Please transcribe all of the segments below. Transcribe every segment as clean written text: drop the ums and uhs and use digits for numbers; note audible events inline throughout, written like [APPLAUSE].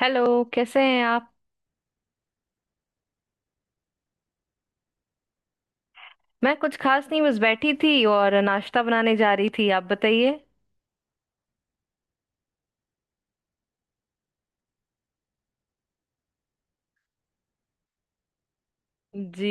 Hello कैसे हैं आप। मैं कुछ खास नहीं, बस बैठी थी और नाश्ता बनाने जा रही थी, आप बताइए। जी।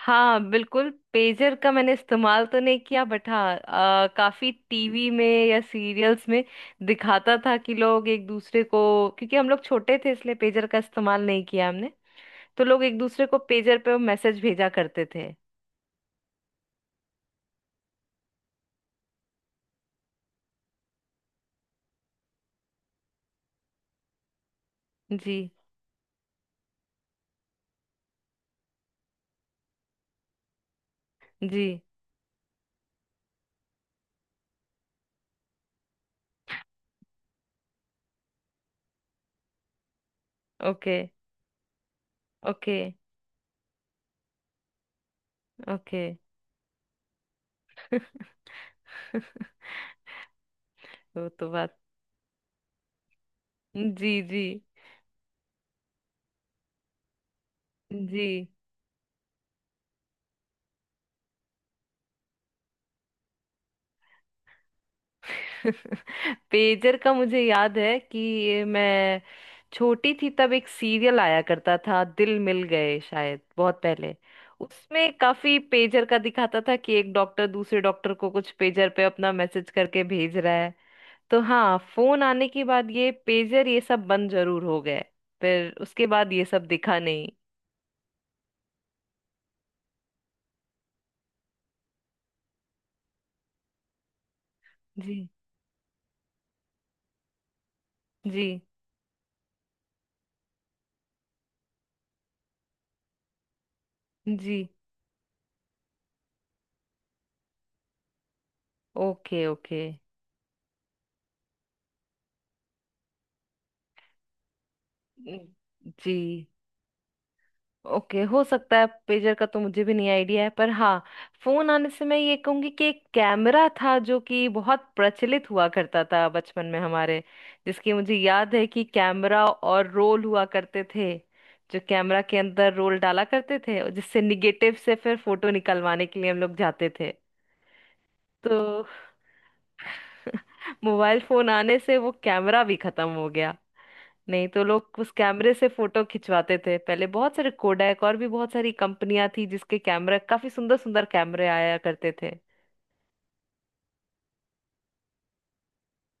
हाँ बिल्कुल, पेजर का मैंने इस्तेमाल तो नहीं किया बट हाँ काफी टीवी में या सीरियल्स में दिखाता था कि लोग एक दूसरे को, क्योंकि हम लोग छोटे थे इसलिए पेजर का इस्तेमाल नहीं किया हमने। तो लोग एक दूसरे को पेजर पे मैसेज भेजा करते थे। जी जी। Okay okay okay. [LAUGHS] वो तो बात। जी जी जी। [LAUGHS] पेजर का मुझे याद है कि मैं छोटी थी तब एक सीरियल आया करता था, दिल मिल गए शायद बहुत पहले। उसमें काफी पेजर का दिखाता था कि एक डॉक्टर दूसरे डॉक्टर को कुछ पेजर पे अपना मैसेज करके भेज रहा है। तो हाँ, फोन आने के बाद ये पेजर ये सब बंद जरूर हो गए। फिर उसके बाद ये सब दिखा नहीं। जी जी जी। Okay okay. जी। ओके हो सकता है, पेजर का तो मुझे भी नहीं आइडिया है पर हाँ, फोन आने से मैं ये कहूंगी कि एक कैमरा था जो कि बहुत प्रचलित हुआ करता था बचपन में हमारे, जिसकी मुझे याद है कि कैमरा और रोल हुआ करते थे। जो कैमरा के अंदर रोल डाला करते थे और जिससे निगेटिव से फिर फोटो निकलवाने के लिए हम लोग जाते थे। तो [LAUGHS] मोबाइल फोन आने से वो कैमरा भी खत्म हो गया। नहीं तो लोग उस कैमरे से फोटो खिंचवाते थे पहले। बहुत सारे कोडैक और भी बहुत सारी कंपनियां थी जिसके कैमरा, काफी सुंदर सुंदर कैमरे आया करते थे।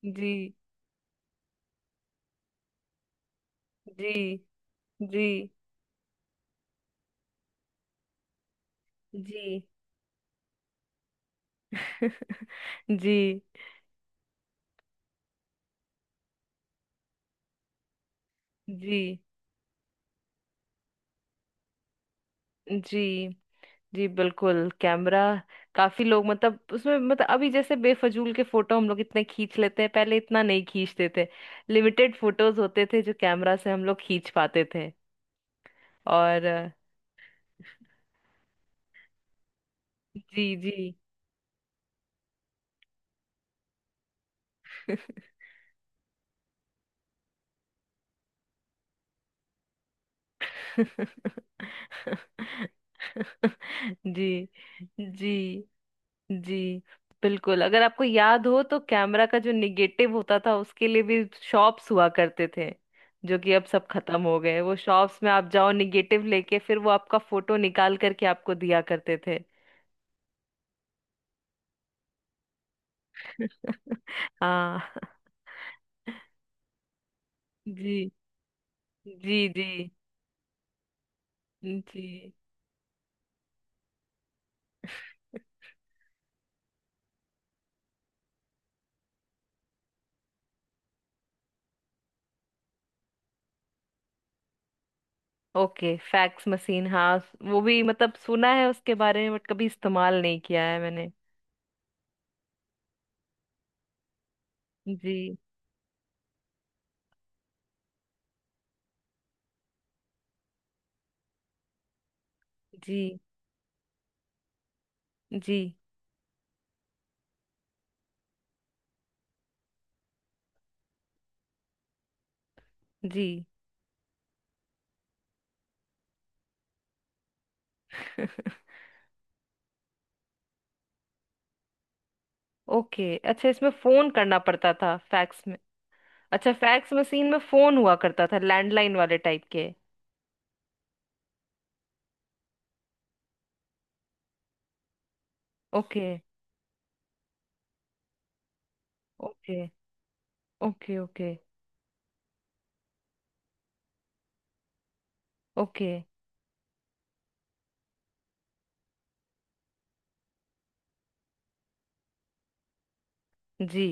जी जी जी जी। [LAUGHS] जी जी जी जी। बिल्कुल कैमरा, काफी लोग मतलब उसमें मतलब अभी जैसे बेफजूल के फोटो हम लोग इतने खींच लेते हैं, पहले इतना नहीं खींचते थे। लिमिटेड फोटोज होते थे जो कैमरा से हम लोग खींच पाते थे। और जी जी। [LAUGHS] [LAUGHS] जी जी जी बिल्कुल। अगर आपको याद हो तो कैमरा का जो निगेटिव होता था उसके लिए भी शॉप्स हुआ करते थे। जो कि अब सब खत्म हो गए। वो शॉप्स में आप जाओ निगेटिव लेके, फिर वो आपका फोटो निकाल करके आपको दिया करते थे। [LAUGHS] हाँ। जी जी जी जी। ओके फैक्स मशीन, हाँ वो भी मतलब सुना है उसके बारे में बट कभी इस्तेमाल नहीं किया है मैंने। जी जी जी जी। ओके अच्छा, इसमें फोन करना पड़ता था फैक्स में? अच्छा फैक्स मशीन में फोन हुआ करता था, लैंडलाइन वाले टाइप के। Okay okay okay. Okay okay. जी।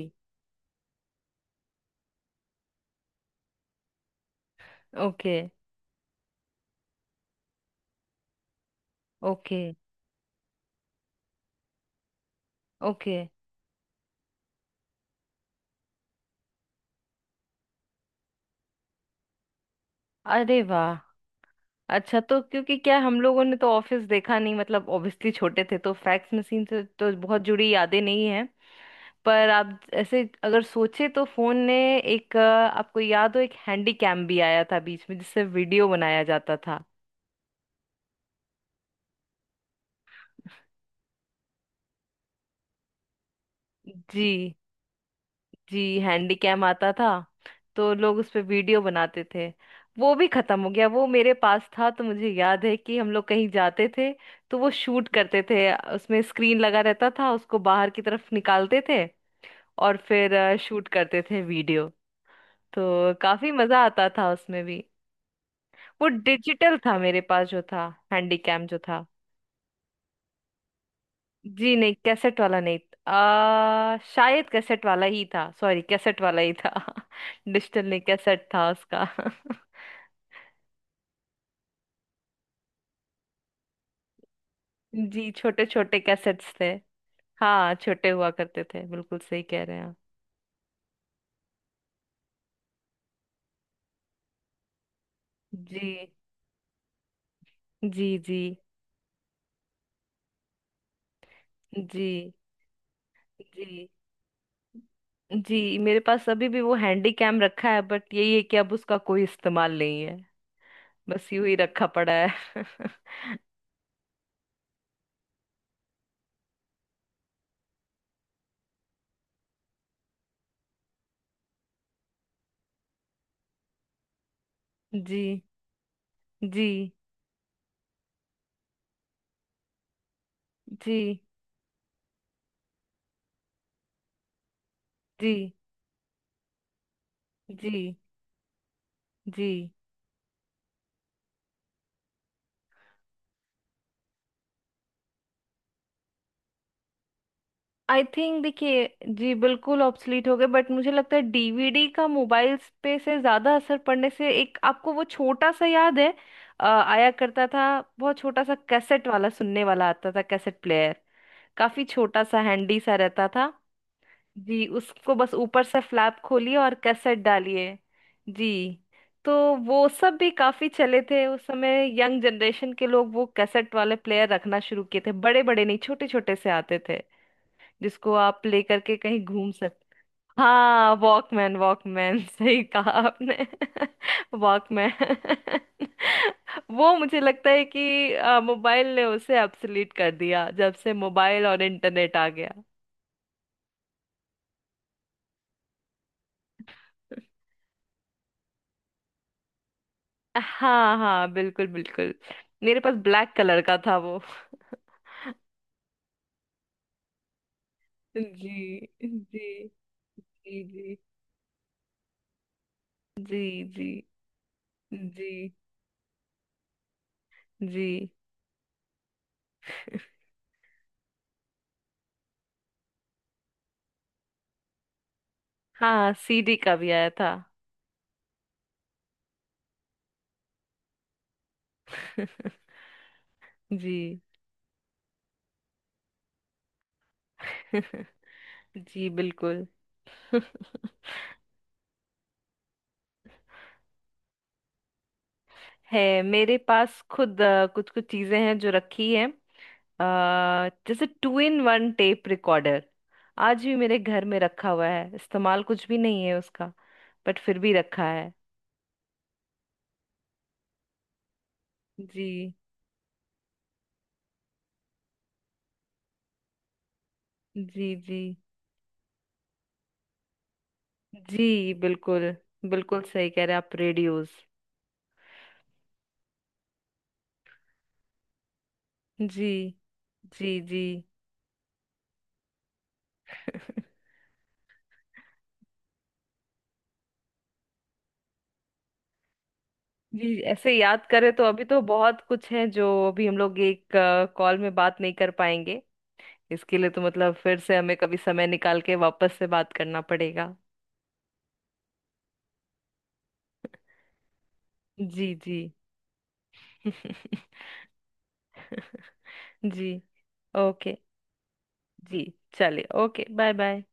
Okay okay okay. अरे वाह, अच्छा। तो क्योंकि क्या है, हम लोगों ने तो ऑफिस देखा नहीं, मतलब ऑब्वियसली छोटे थे, तो फैक्स मशीन से तो बहुत जुड़ी यादें नहीं है। पर आप ऐसे अगर सोचे तो फोन ने एक आपको याद हो एक हैंडी कैम भी आया था बीच में जिससे वीडियो बनाया जाता था। जी जी हैंडी कैम आता था। तो लोग उस पे वीडियो बनाते थे। वो भी खत्म हो गया। वो मेरे पास था तो मुझे याद है कि हम लोग कहीं जाते थे, तो वो शूट करते थे, उसमें स्क्रीन लगा रहता था, उसको बाहर की तरफ निकालते थे और फिर शूट करते थे वीडियो। तो काफी मजा आता था उसमें भी। वो डिजिटल था मेरे पास जो था, हैंडीकैम जो था। जी नहीं कैसेट वाला नहीं, शायद कैसेट वाला ही था, सॉरी कैसेट वाला ही था। [LAUGHS] डिजिटल नहीं कैसेट था उसका। [LAUGHS] जी, छोटे छोटे कैसेट्स थे। हाँ छोटे हुआ करते थे, बिल्कुल सही कह रहे हैं आप। जी जी जी जी। जी जी मेरे पास अभी भी वो हैंडी कैम रखा है बट यही है कि अब उसका कोई इस्तेमाल नहीं है। बस यूं ही रखा पड़ा है। [LAUGHS] जी जी जी जी। जी जी। आई थिंक देखिए, जी बिल्कुल ऑब्सलीट हो गए बट मुझे लगता है डीवीडी का मोबाइल्स पे से ज्यादा असर पड़ने से एक आपको वो छोटा सा याद है आया करता था, बहुत छोटा सा कैसेट वाला सुनने वाला आता था कैसेट प्लेयर। काफी छोटा सा हैंडी सा रहता था। जी उसको बस ऊपर से फ्लैप खोलिए और कैसेट डालिए। जी, तो वो सब भी काफी चले थे उस समय। यंग जनरेशन के लोग वो कैसेट वाले प्लेयर रखना शुरू किए थे, बड़े बड़े नहीं छोटे छोटे से आते थे, जिसको आप लेकर के कहीं घूम सकते। हाँ वॉकमैन वॉकमैन, [LAUGHS] सही कहा आपने। [LAUGHS] वॉकमैन। [LAUGHS] वो मुझे लगता है कि मोबाइल ने उसे अब्सोल्यूट कर दिया, जब से मोबाइल और इंटरनेट आ गया। हाँ हाँ बिल्कुल बिल्कुल, मेरे पास ब्लैक कलर का था वो। [LAUGHS] जी जी जी जी। जी जी जी जी। हाँ सीडी का भी आया था। [LAUGHS] जी। [LAUGHS] जी बिल्कुल। है मेरे पास खुद, कुछ कुछ चीजें हैं जो रखी हैं, जैसे two in one tape recorder आज भी मेरे घर में रखा हुआ है। इस्तेमाल कुछ भी नहीं है उसका, बट फिर भी रखा है। जी जी जी जी। बिल्कुल, बिल्कुल सही कह रहे हैं आप, रेडियोस। जी जी जी। [LAUGHS] जी ऐसे याद करें तो अभी तो बहुत कुछ है जो अभी हम लोग एक कॉल में बात नहीं कर पाएंगे। इसके लिए तो मतलब फिर से हमें कभी समय निकाल के वापस से बात करना पड़ेगा। जी जी। [LAUGHS] जी। ओके जी, चलिए ओके बाय बाय।